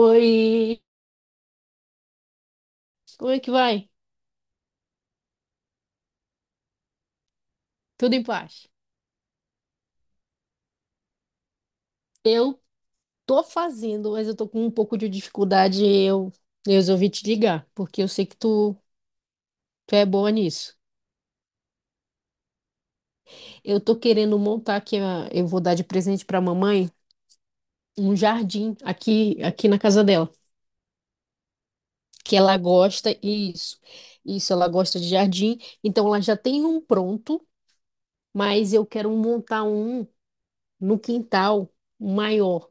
Oi, como é que vai? Tudo em paz? Eu tô fazendo, mas eu tô com um pouco de dificuldade. Eu resolvi te ligar, porque eu sei que tu é boa nisso. Eu tô querendo montar aqui, eu vou dar de presente pra mamãe um jardim aqui, na casa dela, que ela gosta, e isso. Isso, ela gosta de jardim. Então ela já tem um pronto, mas eu quero montar um no quintal maior.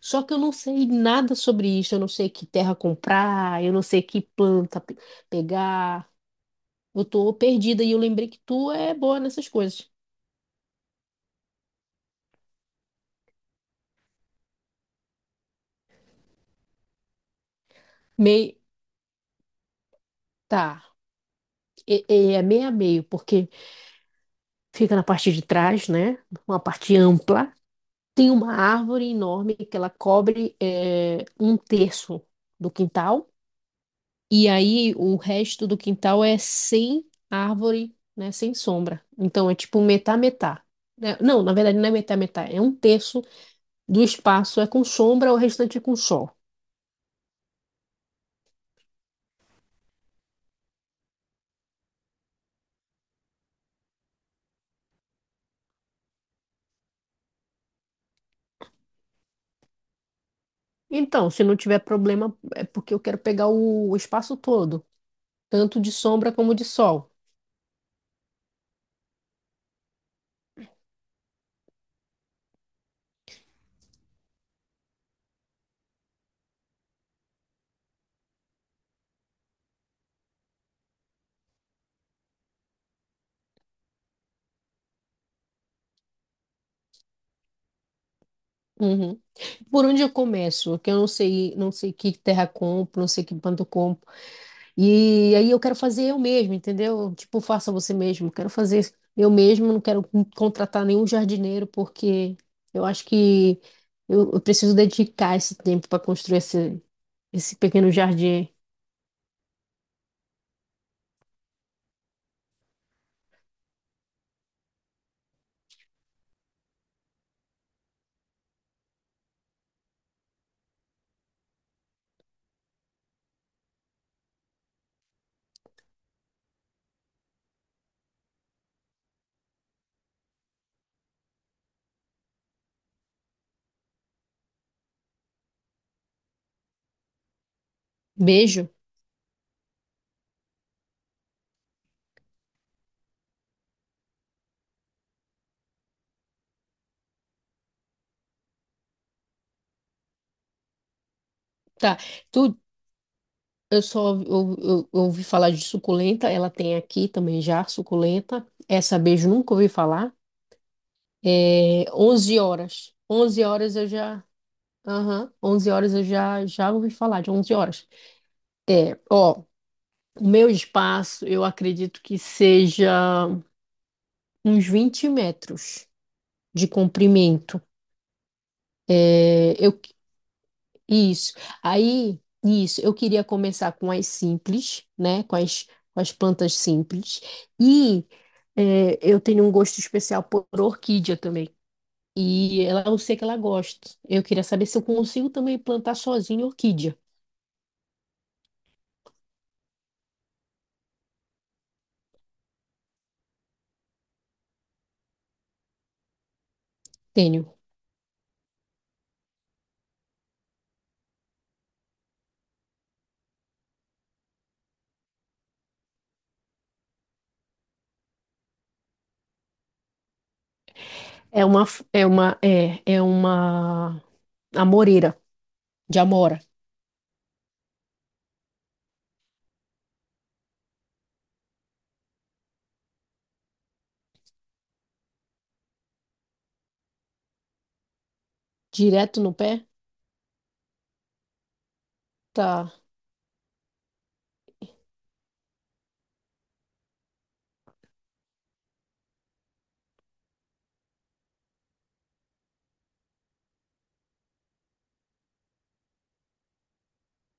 Só que eu não sei nada sobre isso, eu não sei que terra comprar, eu não sei que pegar. Eu tô perdida e eu lembrei que tu é boa nessas coisas. Meio, tá. E é meio a meio, porque fica na parte de trás, né? Uma parte ampla. Tem uma árvore enorme que ela cobre é, um terço do quintal. E aí o resto do quintal é sem árvore, né? Sem sombra. Então é tipo metá-metá. Né? Não, na verdade não é metá-metá. É um terço do espaço é com sombra, o restante é com sol. Então, se não tiver problema, é porque eu quero pegar o espaço todo, tanto de sombra como de sol. Uhum. Por onde eu começo? Que eu não sei, não sei que terra compro, não sei que planta eu compro. E aí eu quero fazer eu mesmo, entendeu? Tipo, faça você mesmo. Quero fazer eu mesmo, não quero contratar nenhum jardineiro, porque eu acho que eu preciso dedicar esse tempo para construir esse, esse pequeno jardim. Beijo. Tá. Tu, eu só eu ouvi falar de suculenta, ela tem aqui também já, suculenta. Essa beijo nunca ouvi falar. É 11 horas. 11 horas eu já. Aham, 11 horas eu já, já ouvi falar de 11 horas. Ó, o meu espaço, eu acredito que seja uns 20 metros de comprimento. É, eu, isso. Aí, isso, eu queria começar com as simples, né? Com as plantas simples. E é, eu tenho um gosto especial por orquídea também. E ela, eu sei que ela gosta. Eu queria saber se eu consigo também plantar sozinha orquídea. Tenho. É uma, é uma, é, é uma amoreira de amora. Direto no pé? Tá.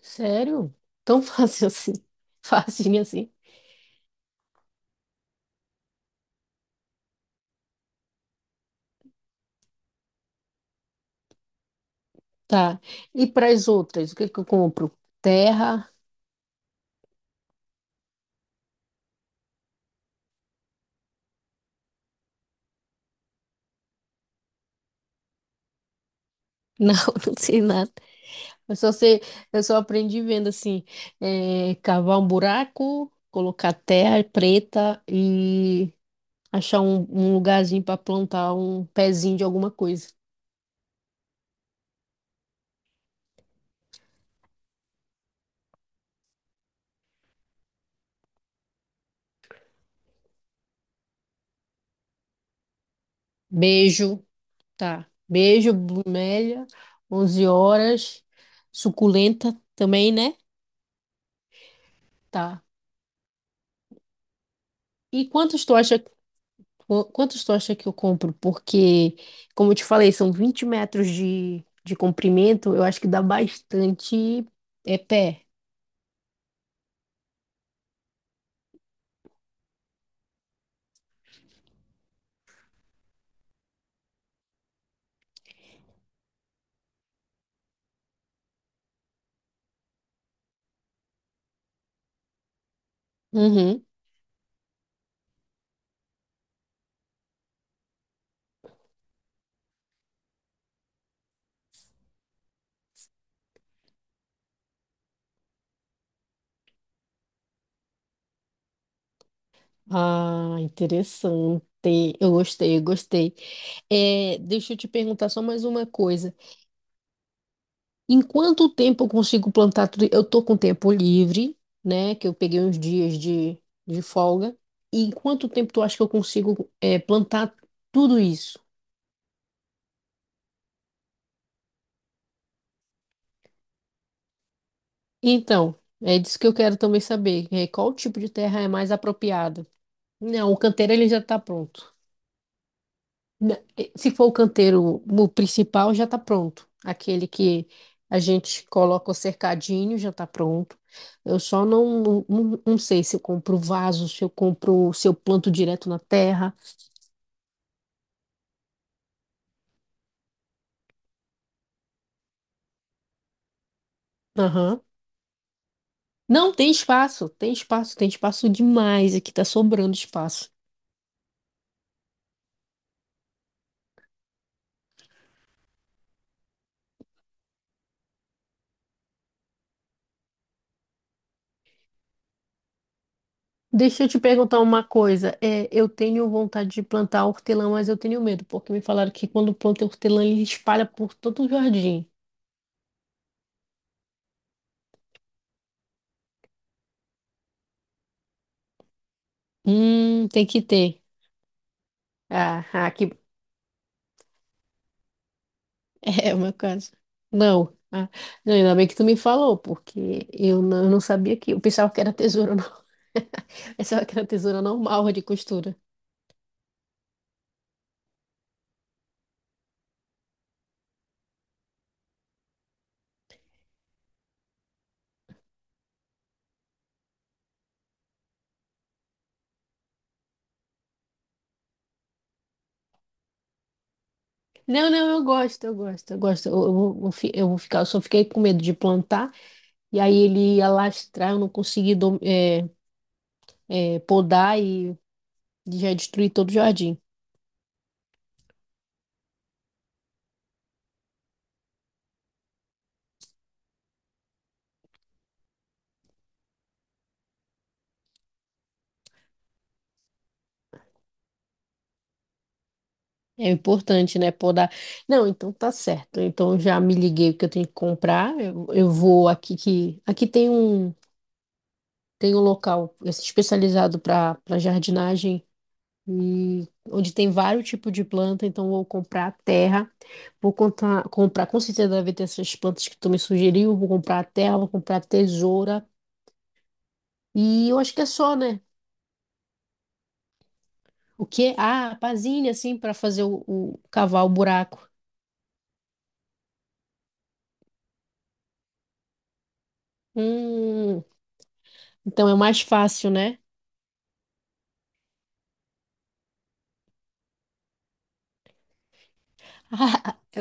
Sério? Tão fácil assim. Facinho assim. Tá. E para as outras, o que que eu compro? Terra? Não, não sei nada. Eu só sei, eu só aprendi vendo assim, é, cavar um buraco, colocar terra preta e achar um lugarzinho para plantar um pezinho de alguma coisa. Beijo, tá. Beijo, bromélia, 11 horas, suculenta também, né? Tá. E quantos tu acha Quantos tu acha que eu compro? Porque, como eu te falei, são 20 metros de comprimento, eu acho que dá bastante é pé. Uhum. Ah, interessante. Eu gostei, eu gostei. É, deixa eu te perguntar só mais uma coisa. Em quanto tempo eu consigo plantar tudo? Eu tô com tempo livre, né? Que eu peguei uns dias de folga. E em quanto tempo tu acha que eu consigo, é, plantar tudo isso? Então, é disso que eu quero também saber. É, qual tipo de terra é mais apropriada? Não, o canteiro ele já está pronto. Se for o canteiro o principal, já está pronto. Aquele que a gente coloca o cercadinho já está pronto. Eu só não sei se eu compro vaso, se eu compro, se eu planto direto na terra. Aham. Não, tem espaço, tem espaço, tem espaço demais. Aqui está sobrando espaço. Deixa eu te perguntar uma coisa. É, eu tenho vontade de plantar hortelã, mas eu tenho medo, porque me falaram que quando planta hortelã, ele espalha por todo o jardim. Tem que ter. Ah, aqui é o meu caso. Não. Ah, não, ainda bem que tu me falou, porque eu não sabia que. Eu pensava que era tesoura. Não. Pensava que era tesoura normal de costura. Não, não, eu gosto, eu gosto, eu gosto. Eu vou, eu vou ficar, eu só fiquei com medo de plantar, e aí ele ia lastrar, eu não consegui podar e já destruí todo o jardim. É importante, né? Podar. Não, então tá certo. Então eu já me liguei o que eu tenho que comprar. Eu vou aqui que. Aqui tem um local especializado para para jardinagem e onde tem vários tipos de planta. Então eu vou comprar terra. Vou contar, comprar, com certeza deve ter essas plantas que tu me sugeriu. Vou comprar terra, vou comprar tesoura. E eu acho que é só, né? O quê? Ah, pazinha, assim, para fazer o cavar o buraco. Hum. Então é mais fácil, né?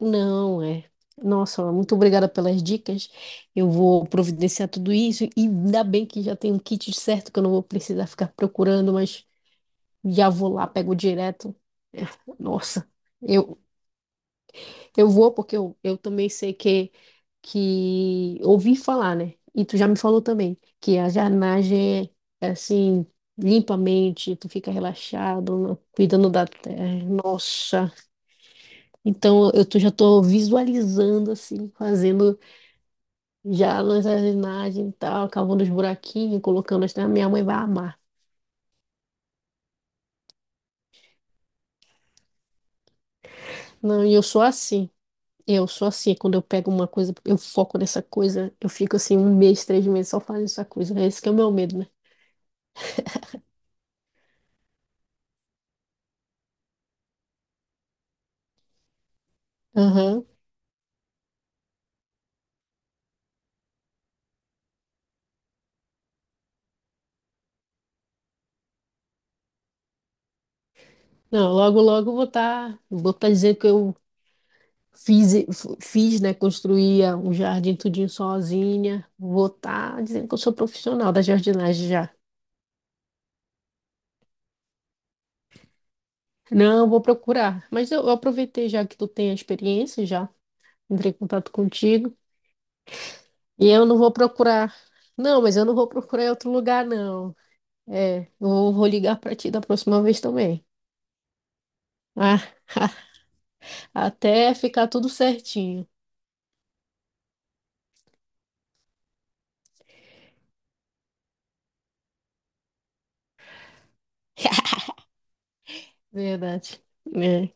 Não, é. Nossa, muito obrigada pelas dicas. Eu vou providenciar tudo isso e ainda bem que já tem um kit certo que eu não vou precisar ficar procurando, mas já vou lá, pego direto. É, nossa, eu, eu vou porque eu também sei que ouvi falar, né? E tu já me falou também que a jardinagem é assim, limpa a mente, tu fica relaxado, cuidando da terra. Nossa. Então eu já tô visualizando assim, fazendo já a jardinagem e tal, cavando os buraquinhos, colocando as. Ah, minha mãe vai amar. Não, e eu sou assim. Eu sou assim. Quando eu pego uma coisa, eu foco nessa coisa, eu fico assim um mês, 3 meses só fazendo essa coisa. Né? Esse que é o meu medo, né? Aham. Não, logo, logo eu vou estar dizendo que eu fiz, né, construía um jardim tudinho sozinha. Vou estar dizendo que eu sou profissional da jardinagem já. Não, eu vou procurar. Mas eu aproveitei já que tu tem a experiência, já entrei em contato contigo. E eu não vou procurar. Não, mas eu não vou procurar em outro lugar, não. É, eu vou ligar pra ti da próxima vez também. Ah, até ficar tudo certinho. Verdade. É.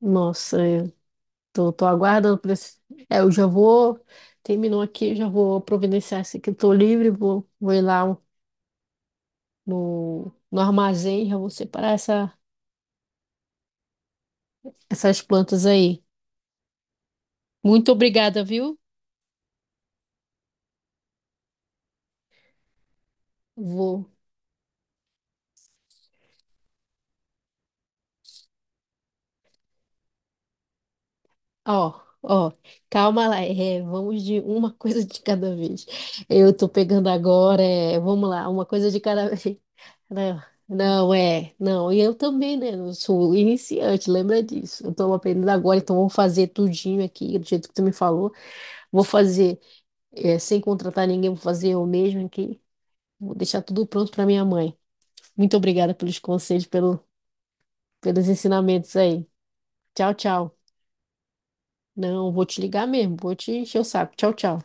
Nossa, eu tô aguardando por esse. É, eu já vou. Terminou aqui, eu já vou providenciar esse que eu tô livre, vou ir lá no, no armazém, já vou separar essas plantas aí. Muito obrigada, viu? Vou. Ó, ó, calma lá. É, vamos de uma coisa de cada vez. Eu tô pegando agora, é, vamos lá, uma coisa de cada vez. Não, não, é, não. E eu também, né? Eu sou iniciante, lembra disso. Eu tô aprendendo agora, então vou fazer tudinho aqui, do jeito que tu me falou. Vou fazer, é, sem contratar ninguém, vou fazer eu mesmo aqui. Vou deixar tudo pronto para minha mãe. Muito obrigada pelos conselhos, pelos ensinamentos aí. Tchau, tchau. Não, vou te ligar mesmo, vou te encher o saco. Tchau, tchau.